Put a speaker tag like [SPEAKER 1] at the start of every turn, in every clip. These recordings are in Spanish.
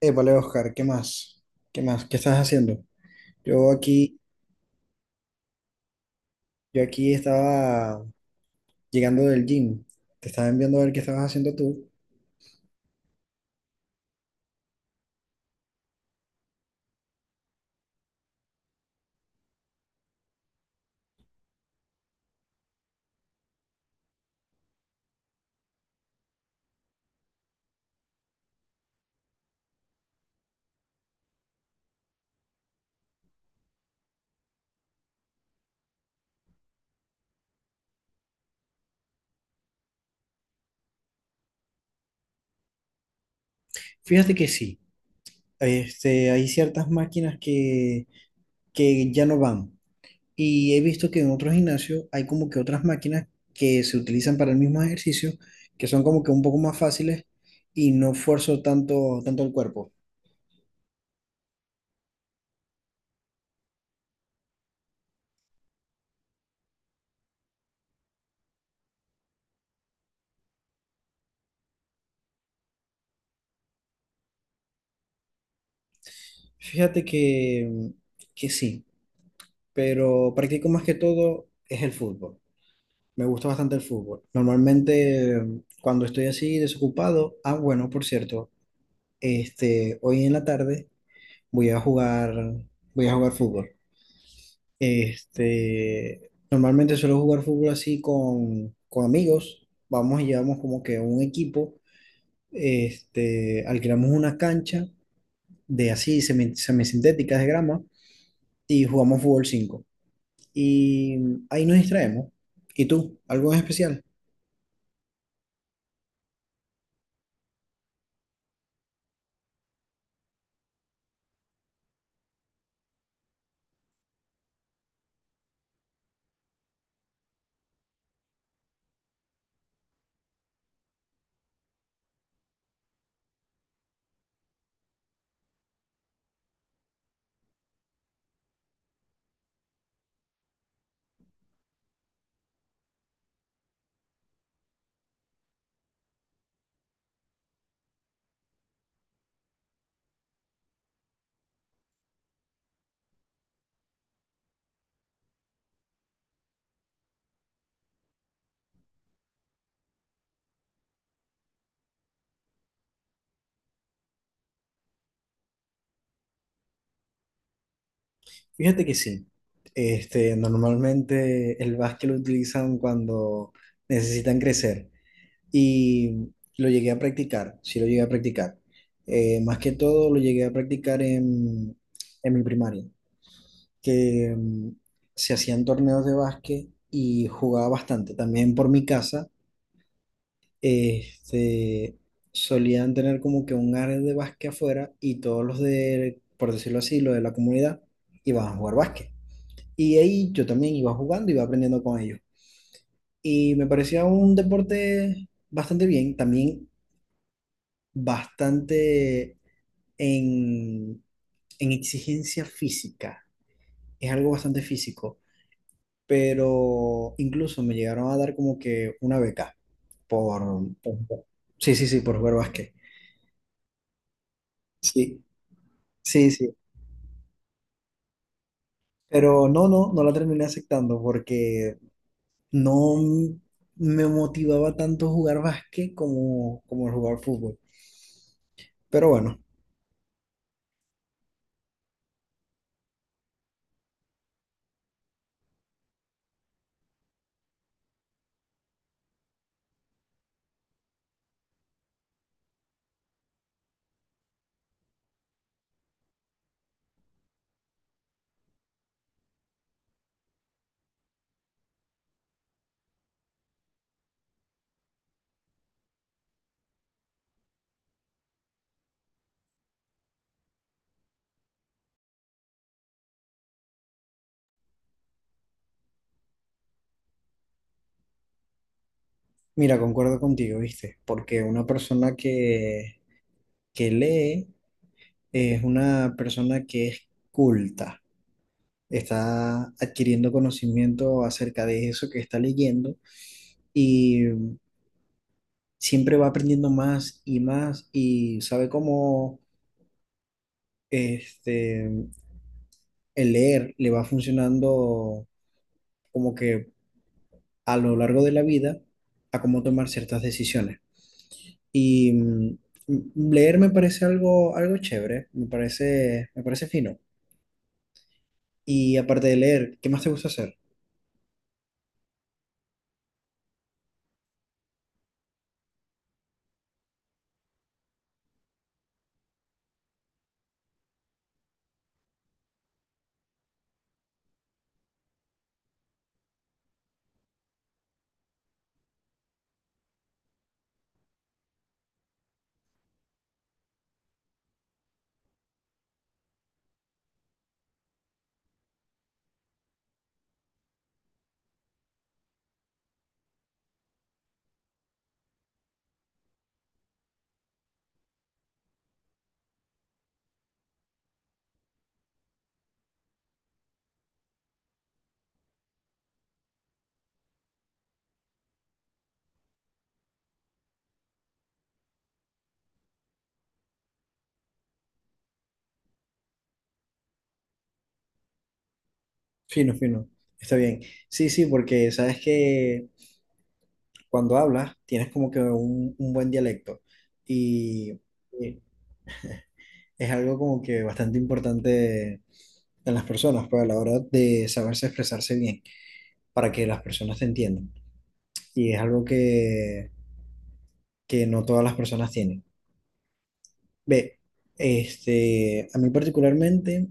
[SPEAKER 1] Épale, Oscar, ¿qué más? ¿Qué más? ¿Qué estás haciendo? Yo aquí, yo aquí estaba llegando del gym. Te estaba enviando a ver qué estabas haciendo tú. Fíjate que sí, hay ciertas máquinas que ya no van. Y he visto que en otros gimnasios hay como que otras máquinas que se utilizan para el mismo ejercicio, que son como que un poco más fáciles y no esfuerzo tanto el cuerpo. Fíjate que sí, pero practico más que todo es el fútbol. Me gusta bastante el fútbol. Normalmente cuando estoy así desocupado, ah, bueno, por cierto, hoy en la tarde voy a jugar, voy a jugar fútbol. Normalmente suelo jugar fútbol así con amigos. Vamos y llevamos como que un equipo, alquilamos una cancha de así semisintéticas de grama y jugamos fútbol 5 y ahí nos distraemos. ¿Y tú? ¿Algo en especial? Fíjate que sí. Normalmente el básquet lo utilizan cuando necesitan crecer y lo llegué a practicar, sí lo llegué a practicar. Más que todo lo llegué a practicar en mi primaria, que se hacían torneos de básquet y jugaba bastante. También por mi casa, este, solían tener como que un área de básquet afuera y todos los de, por decirlo así, los de la comunidad iban a jugar básquet. Y ahí yo también iba jugando, iba aprendiendo con ellos. Y me parecía un deporte bastante bien, también bastante en, en exigencia física. Es algo bastante físico, pero incluso me llegaron a dar como que una beca por... por- sí, sí, sí, por jugar básquet. Sí, sí, sí. Pero no la terminé aceptando porque no m- me motivaba tanto jugar básquet como el jugar fútbol. Pero bueno. Mira, concuerdo contigo, ¿viste? Porque una persona que lee es una persona que es culta, está adquiriendo conocimiento acerca de eso que está leyendo y siempre va aprendiendo más y más y sabe cómo este, el leer le va funcionando como que a lo largo de la vida a cómo tomar ciertas decisiones. Y leer me parece algo chévere, me parece fino. Y aparte de leer, ¿qué más te gusta hacer? Fino, fino. Está bien. Sí, sí, porque sabes que cuando hablas tienes como que un buen dialecto y y es algo como que bastante importante en las personas, pues a la hora de saberse expresarse bien, para que las personas te entiendan. Y es algo que no todas las personas tienen. Ve, a mí particularmente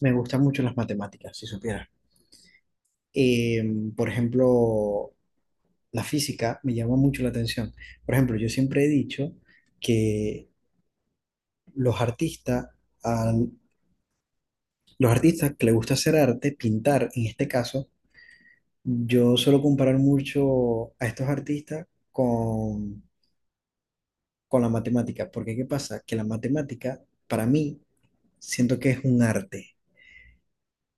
[SPEAKER 1] me gustan mucho las matemáticas, si supieras. Por ejemplo, la física me llama mucho la atención. Por ejemplo, yo siempre he dicho que los artistas, al- los artistas que les gusta hacer arte, pintar en este caso, yo suelo comparar mucho a estos artistas con, con la matemática, porque ¿qué pasa? Que la matemática, para mí, siento que es un arte.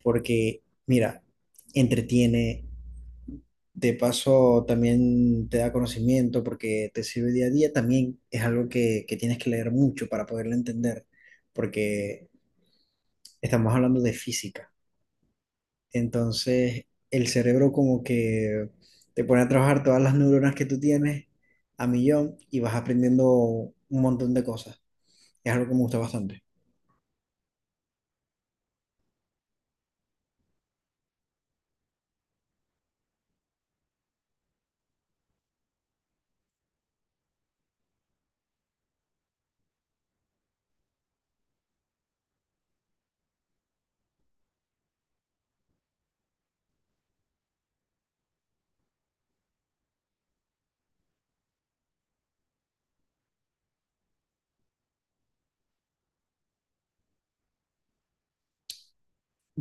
[SPEAKER 1] Porque, mira, entretiene, de paso también te da conocimiento porque te sirve día a día, también es algo que tienes que leer mucho para poderlo entender, porque estamos hablando de física, entonces el cerebro como que te pone a trabajar todas las neuronas que tú tienes a millón y vas aprendiendo un montón de cosas, es algo que me gusta bastante.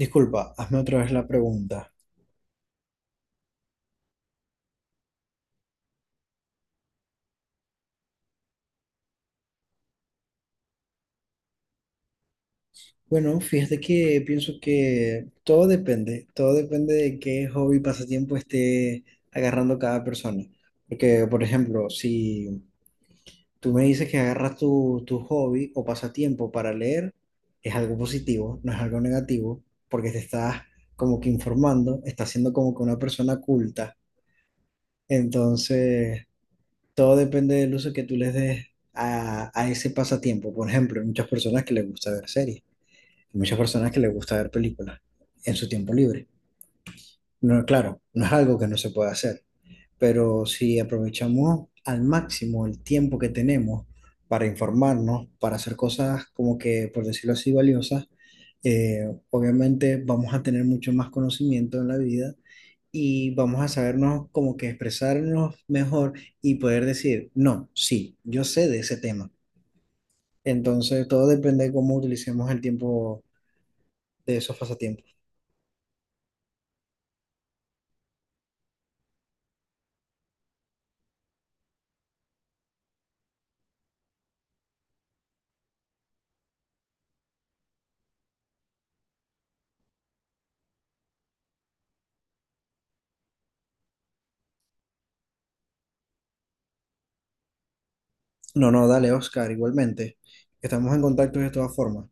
[SPEAKER 1] Disculpa, hazme otra vez la pregunta. Bueno, fíjate que pienso que todo depende de qué hobby, pasatiempo esté agarrando cada persona. Porque, por ejemplo, si tú me dices que agarras tu hobby o pasatiempo para leer, es algo positivo, no es algo negativo, porque te estás como que informando, estás siendo como que una persona culta. Entonces, todo depende del uso que tú les des a ese pasatiempo. Por ejemplo, hay muchas personas que les gusta ver series. Muchas personas que les gusta ver películas en su tiempo libre. No, claro, no es algo que no se pueda hacer, pero si aprovechamos al máximo el tiempo que tenemos para informarnos, para hacer cosas como que, por decirlo así, valiosas, obviamente vamos a tener mucho más conocimiento en la vida y vamos a sabernos como que expresarnos mejor y poder decir, no, sí, yo sé de ese tema. Entonces, todo depende de cómo utilicemos el tiempo de esos pasatiempos. No, no, dale, Oscar, igualmente. Estamos en contacto de todas formas.